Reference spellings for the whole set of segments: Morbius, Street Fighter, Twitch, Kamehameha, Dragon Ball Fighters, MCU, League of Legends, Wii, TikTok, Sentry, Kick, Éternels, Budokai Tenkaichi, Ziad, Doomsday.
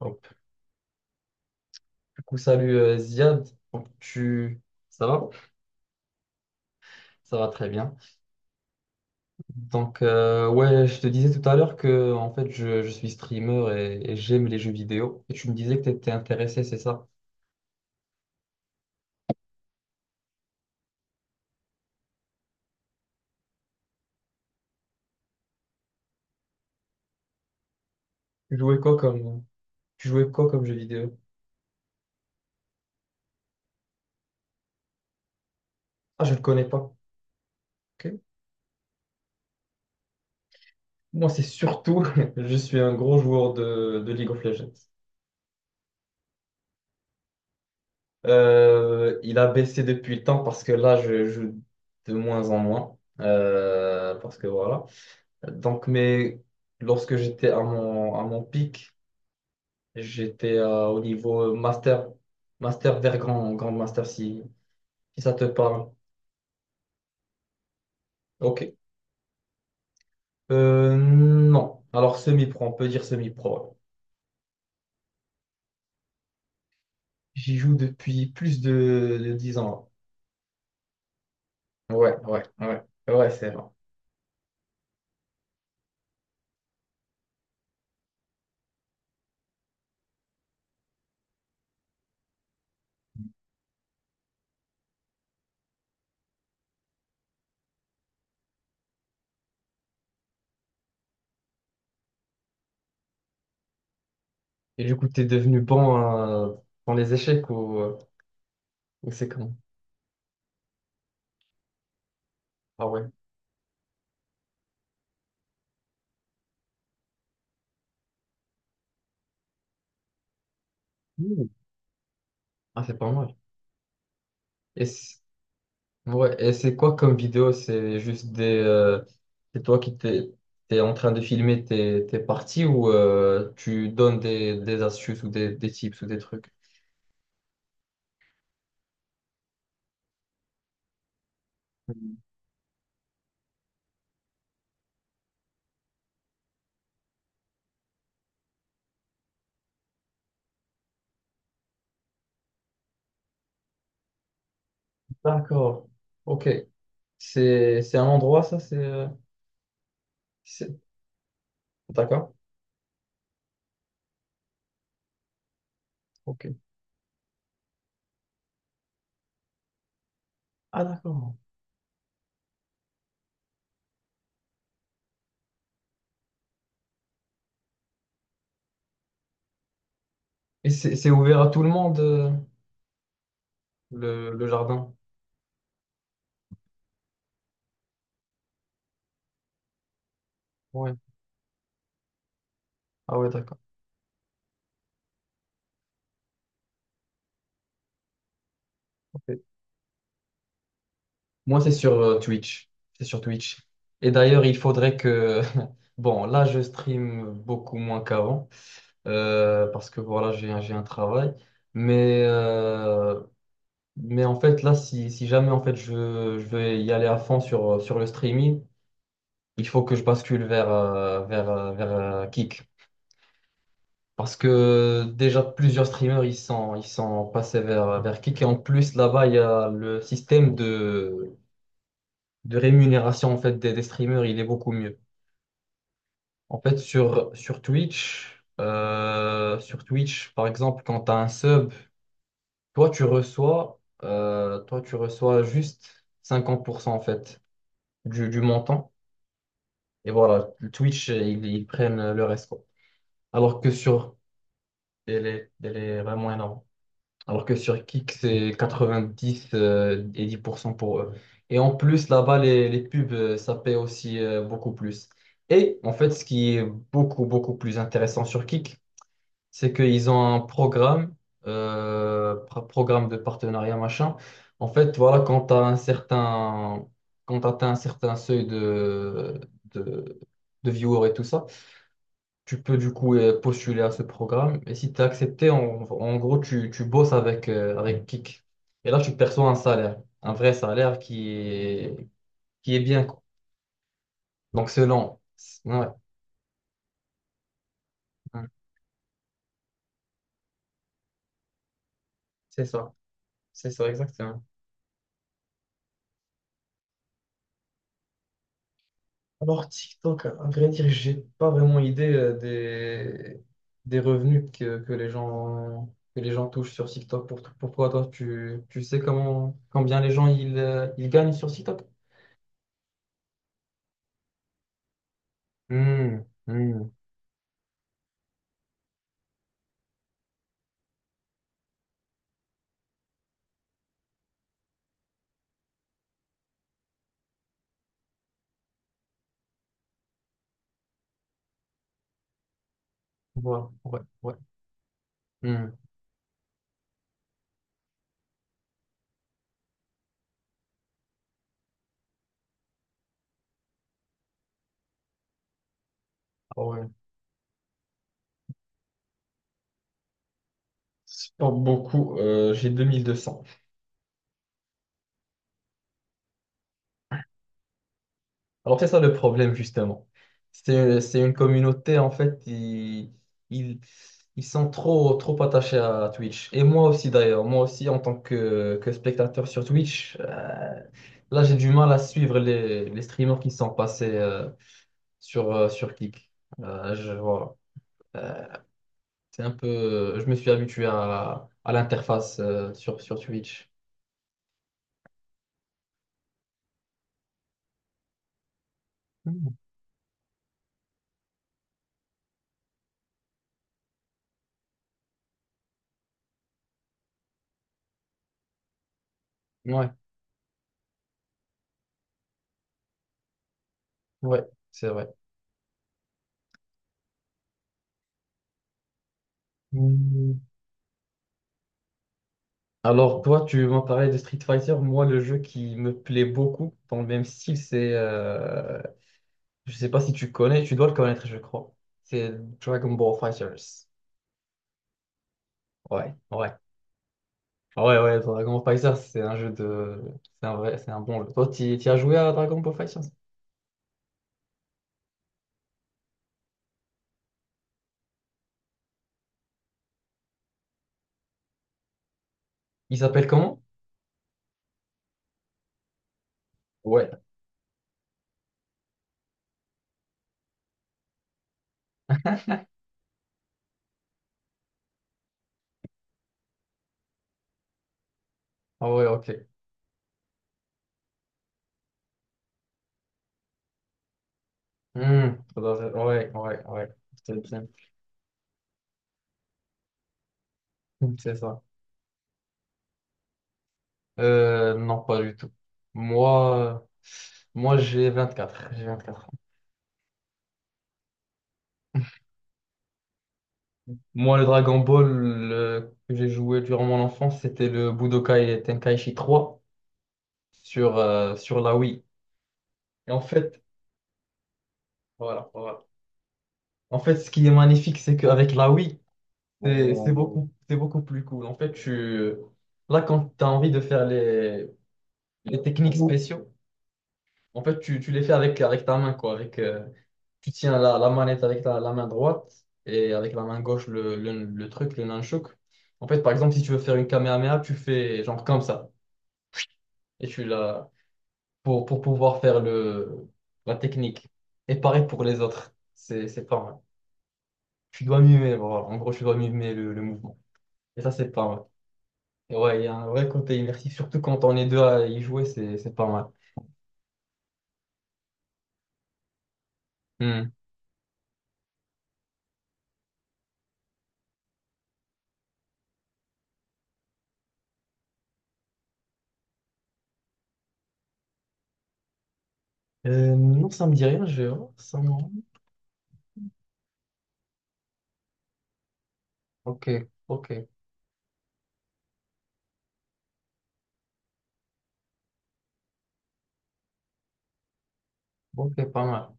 Hop. Du coup, salut Ziad. Donc, tu... Ça va? Ça va très bien. Donc, ouais, je te disais tout à l'heure que en fait, je suis streamer et j'aime les jeux vidéo. Et tu me disais que tu étais intéressé, c'est ça? Tu jouais quoi comme, tu jouais quoi comme jeu vidéo? Ah, je ne connais pas. Ok. Moi, c'est surtout, je suis un gros joueur de League of Legends. Il a baissé depuis le temps parce que là, je joue de moins en moins. Parce que voilà. Donc, mais lorsque j'étais à mon, pic, j'étais au niveau master, vers grand master, si ça te parle. Ok. Non. Alors, semi-pro, on peut dire semi-pro, ouais. J'y joue depuis plus de 10 ans. Ouais, ouais, ouais. Ouais, c'est vrai. Et du coup, t'es devenu bon euh, dans les échecs ou c'est comment? Ah ouais. Ouh. Ah, c'est pas mal. Et c- Ouais, et c'est quoi comme vidéo? C'est juste des, c'est toi qui t'es en train de filmer tes parties ou tu donnes des astuces ou des tips ou des trucs? D'accord. Ok. C'est un endroit, ça? C'est, c'est- D'accord. Ok. Ah, d'accord. Et c'est ouvert à tout le monde, le jardin? Ouais. Ah, ouais, d'accord. Ok. Moi, c'est sur Twitch. C'est sur Twitch. Et d'ailleurs, il faudrait que. Bon, là, je stream beaucoup moins qu'avant, parce que voilà, j'ai un travail. Mais, euh, mais en fait, là, si jamais en fait, je vais y aller à fond sur le streaming, il faut que je bascule vers Kick. Parce que déjà, plusieurs streamers, ils sont passés vers Kick. Et en plus, là-bas, il y a le système de rémunération en fait, des streamers, il est beaucoup mieux. En fait, sur Twitch, par exemple, quand tu as un sub, toi, tu reçois juste 50% en fait du montant. Et voilà, Twitch, ils prennent le reste, quoi. Alors que sur, elle est vraiment énorme. Alors que sur Kick, c'est 90 et 10% pour cent pour eux. Et en plus, là-bas, les pubs, ça paie aussi beaucoup plus. Et en fait, ce qui est beaucoup, beaucoup plus intéressant sur Kick, c'est qu'ils ont un programme de partenariat, machin. En fait, voilà, quand t'atteins un certain seuil de, de viewers et tout ça, tu peux du coup postuler à ce programme. Et si tu es accepté, en gros, tu bosses avec Kik. Et là, tu perçois un salaire, un vrai salaire qui est bien, quoi. Donc, selon. Ouais, ouais, c'est ça. C'est ça, exactement. Alors, TikTok, à vrai dire, j'ai pas vraiment idée des revenus que les gens touchent sur TikTok. Pourquoi toi, tu sais combien les gens ils gagnent sur TikTok? Hmm, hmm. Ouais, ouais, ouais. Hmm. Ah ouais. C'est pas beaucoup. J'ai 2 200. Alors c'est ça le problème justement. C'est une communauté en fait, ils, ils sont trop, trop attachés à Twitch. Et moi aussi d'ailleurs, moi aussi en tant que spectateur sur Twitch, là j'ai du mal à suivre les streamers qui sont passés sur Kick. Voilà. Euh, c'est un peu, je me suis habitué à l'interface sur Twitch. Mm. Ouais, ouais, c'est vrai. Alors toi, tu m'as parlé de Street Fighter. Moi, le jeu qui me plaît beaucoup dans le même style, c'est. Je sais pas si tu connais, tu dois le connaître, je crois. C'est Dragon Ball Fighters. Ouais, ouais. Ouais, ouais, Dragon Ball Fighters, c'est un jeu de. C'est un vrai, c'est un bon jeu. Toi, tu as joué à Dragon Ball Fighters? Il s'appelle comment? Ouais. Ah ouais, ok. Hmm, ouais, ouais, ouais. C'est bien. C'est ça. Non, pas du tout. Moi, euh, moi j'ai 24. J'ai 24. Moi, le Dragon Ball que j'ai joué durant mon enfance, c'était le Budokai Tenkaichi 3 sur la Wii. Et en fait, voilà, voilà. En fait, ce qui est magnifique, c'est qu'avec la Wii, c'est Oh, c'est beaucoup plus cool. En fait, tu, là, quand tu as envie de faire les techniques spéciaux, en fait, tu les fais avec ta main, quoi. Tu tiens la manette avec la main droite et avec la main gauche, le truc, le nunchuk. En fait, par exemple, si tu veux faire une Kamehameha, tu fais genre comme ça. Et tu l'as pour pouvoir faire la technique. Et pareil pour les autres, c'est pas mal. Tu dois mimer, voilà. En gros, tu dois mimer le mouvement. Et ça, c'est pas mal. Et ouais, il y a un vrai côté immersif, surtout quand on est deux à y jouer, c'est pas mal. Hmm. Non, ça me dit rien, je vais voir. Ça me. Ok, ok, ok, pas mal.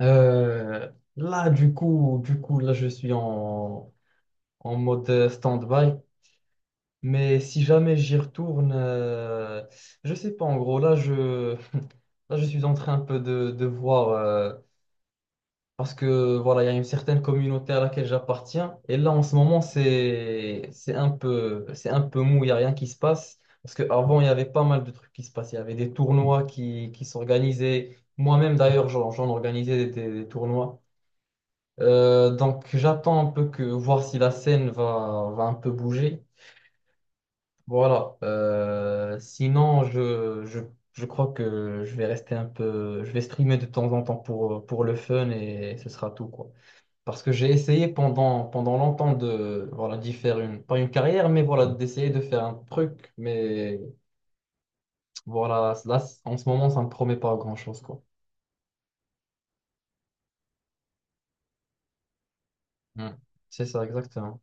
Là, du coup, là, je suis en mode stand-by. Mais si jamais j'y retourne, je sais pas, en gros, là, là, je suis en train un peu de voir, parce que voilà, il y a une certaine communauté à laquelle j'appartiens, et là, en ce moment, c'est un peu mou, il n'y a rien qui se passe, parce qu'avant, il y avait pas mal de trucs qui se passaient, il y avait des tournois qui s'organisaient, moi-même, d'ailleurs, j'en organisais des tournois. Donc j'attends un peu voir si la scène va un peu bouger. Voilà. Sinon, je crois que je vais rester un peu. Je vais streamer de temps en temps pour le fun et ce sera tout, quoi. Parce que j'ai essayé pendant longtemps de, voilà, d'y faire pas une carrière, mais voilà, d'essayer de faire un truc. Mais voilà, là, en ce moment, ça ne me promet pas grand-chose, quoi. Mm. C'est ça, exactement.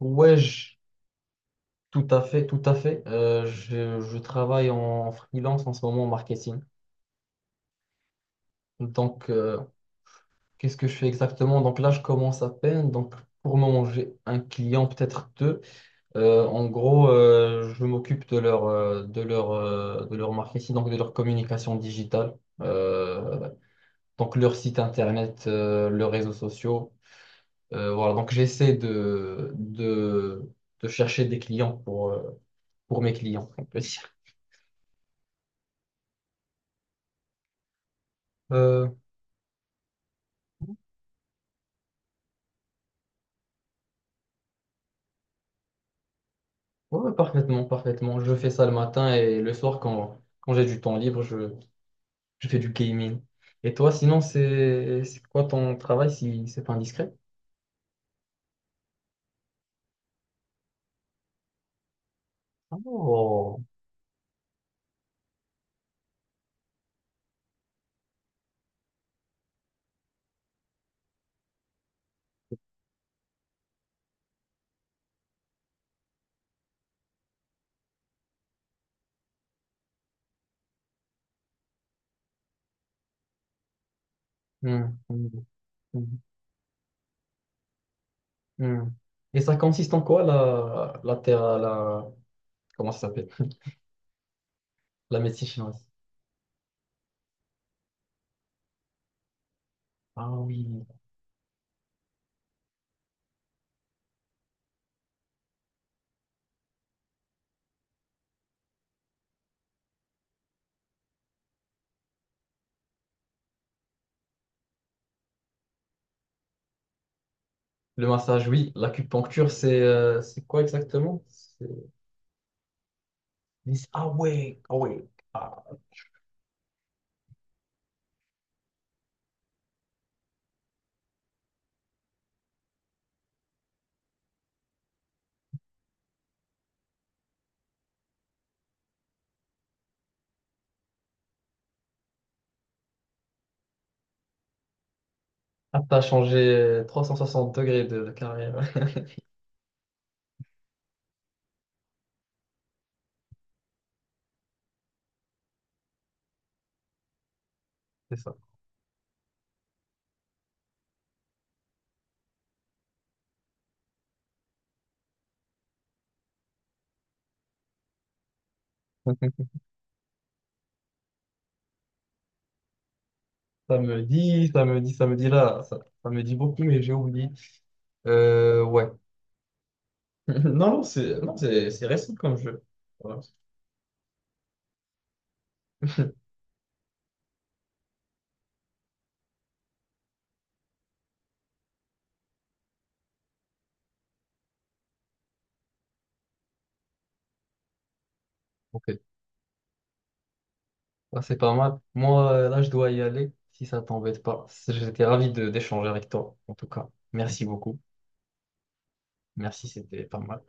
Ouais, tout à fait, tout à fait. Je travaille en freelance en ce moment en marketing. Donc, euh, Qu'est-ce que je fais exactement? Donc là, je commence à peine. Donc pour le moment, j'ai un client, peut-être deux. En gros, je m'occupe de leur marketing, donc de leur communication digitale. Euh, donc leur site internet, leurs réseaux sociaux. Voilà, donc j'essaie de chercher des clients pour mes clients, on peut dire. Euh, ouais, ouais, parfaitement, parfaitement. Je fais ça le matin et le soir quand j'ai du temps libre, je fais du gaming. Et toi, sinon, c'est quoi ton travail si c'est pas indiscret? Oh. Hmm, hmm, hmm, hmm. Et ça consiste en quoi la comment ça s'appelle? La médecine chinoise. Ah oui. Le massage, oui. L'acupuncture, c'est quoi exactement? Ah ouais, ah ouais. Ah, ah, t'as changé 360 degrés de carrière. C'est ça. Ça me dit, ça me dit, ça me dit là. Ça me dit beaucoup, mais j'ai oublié. Ouais. Non, non, c'est non, c'est récent comme jeu. Voilà. Ok. Ah, c'est pas mal. Moi, là, je dois y aller, si ça t'embête pas. J'étais ravi de d'échanger avec toi, en tout cas. Merci beaucoup. Merci, c'était pas mal.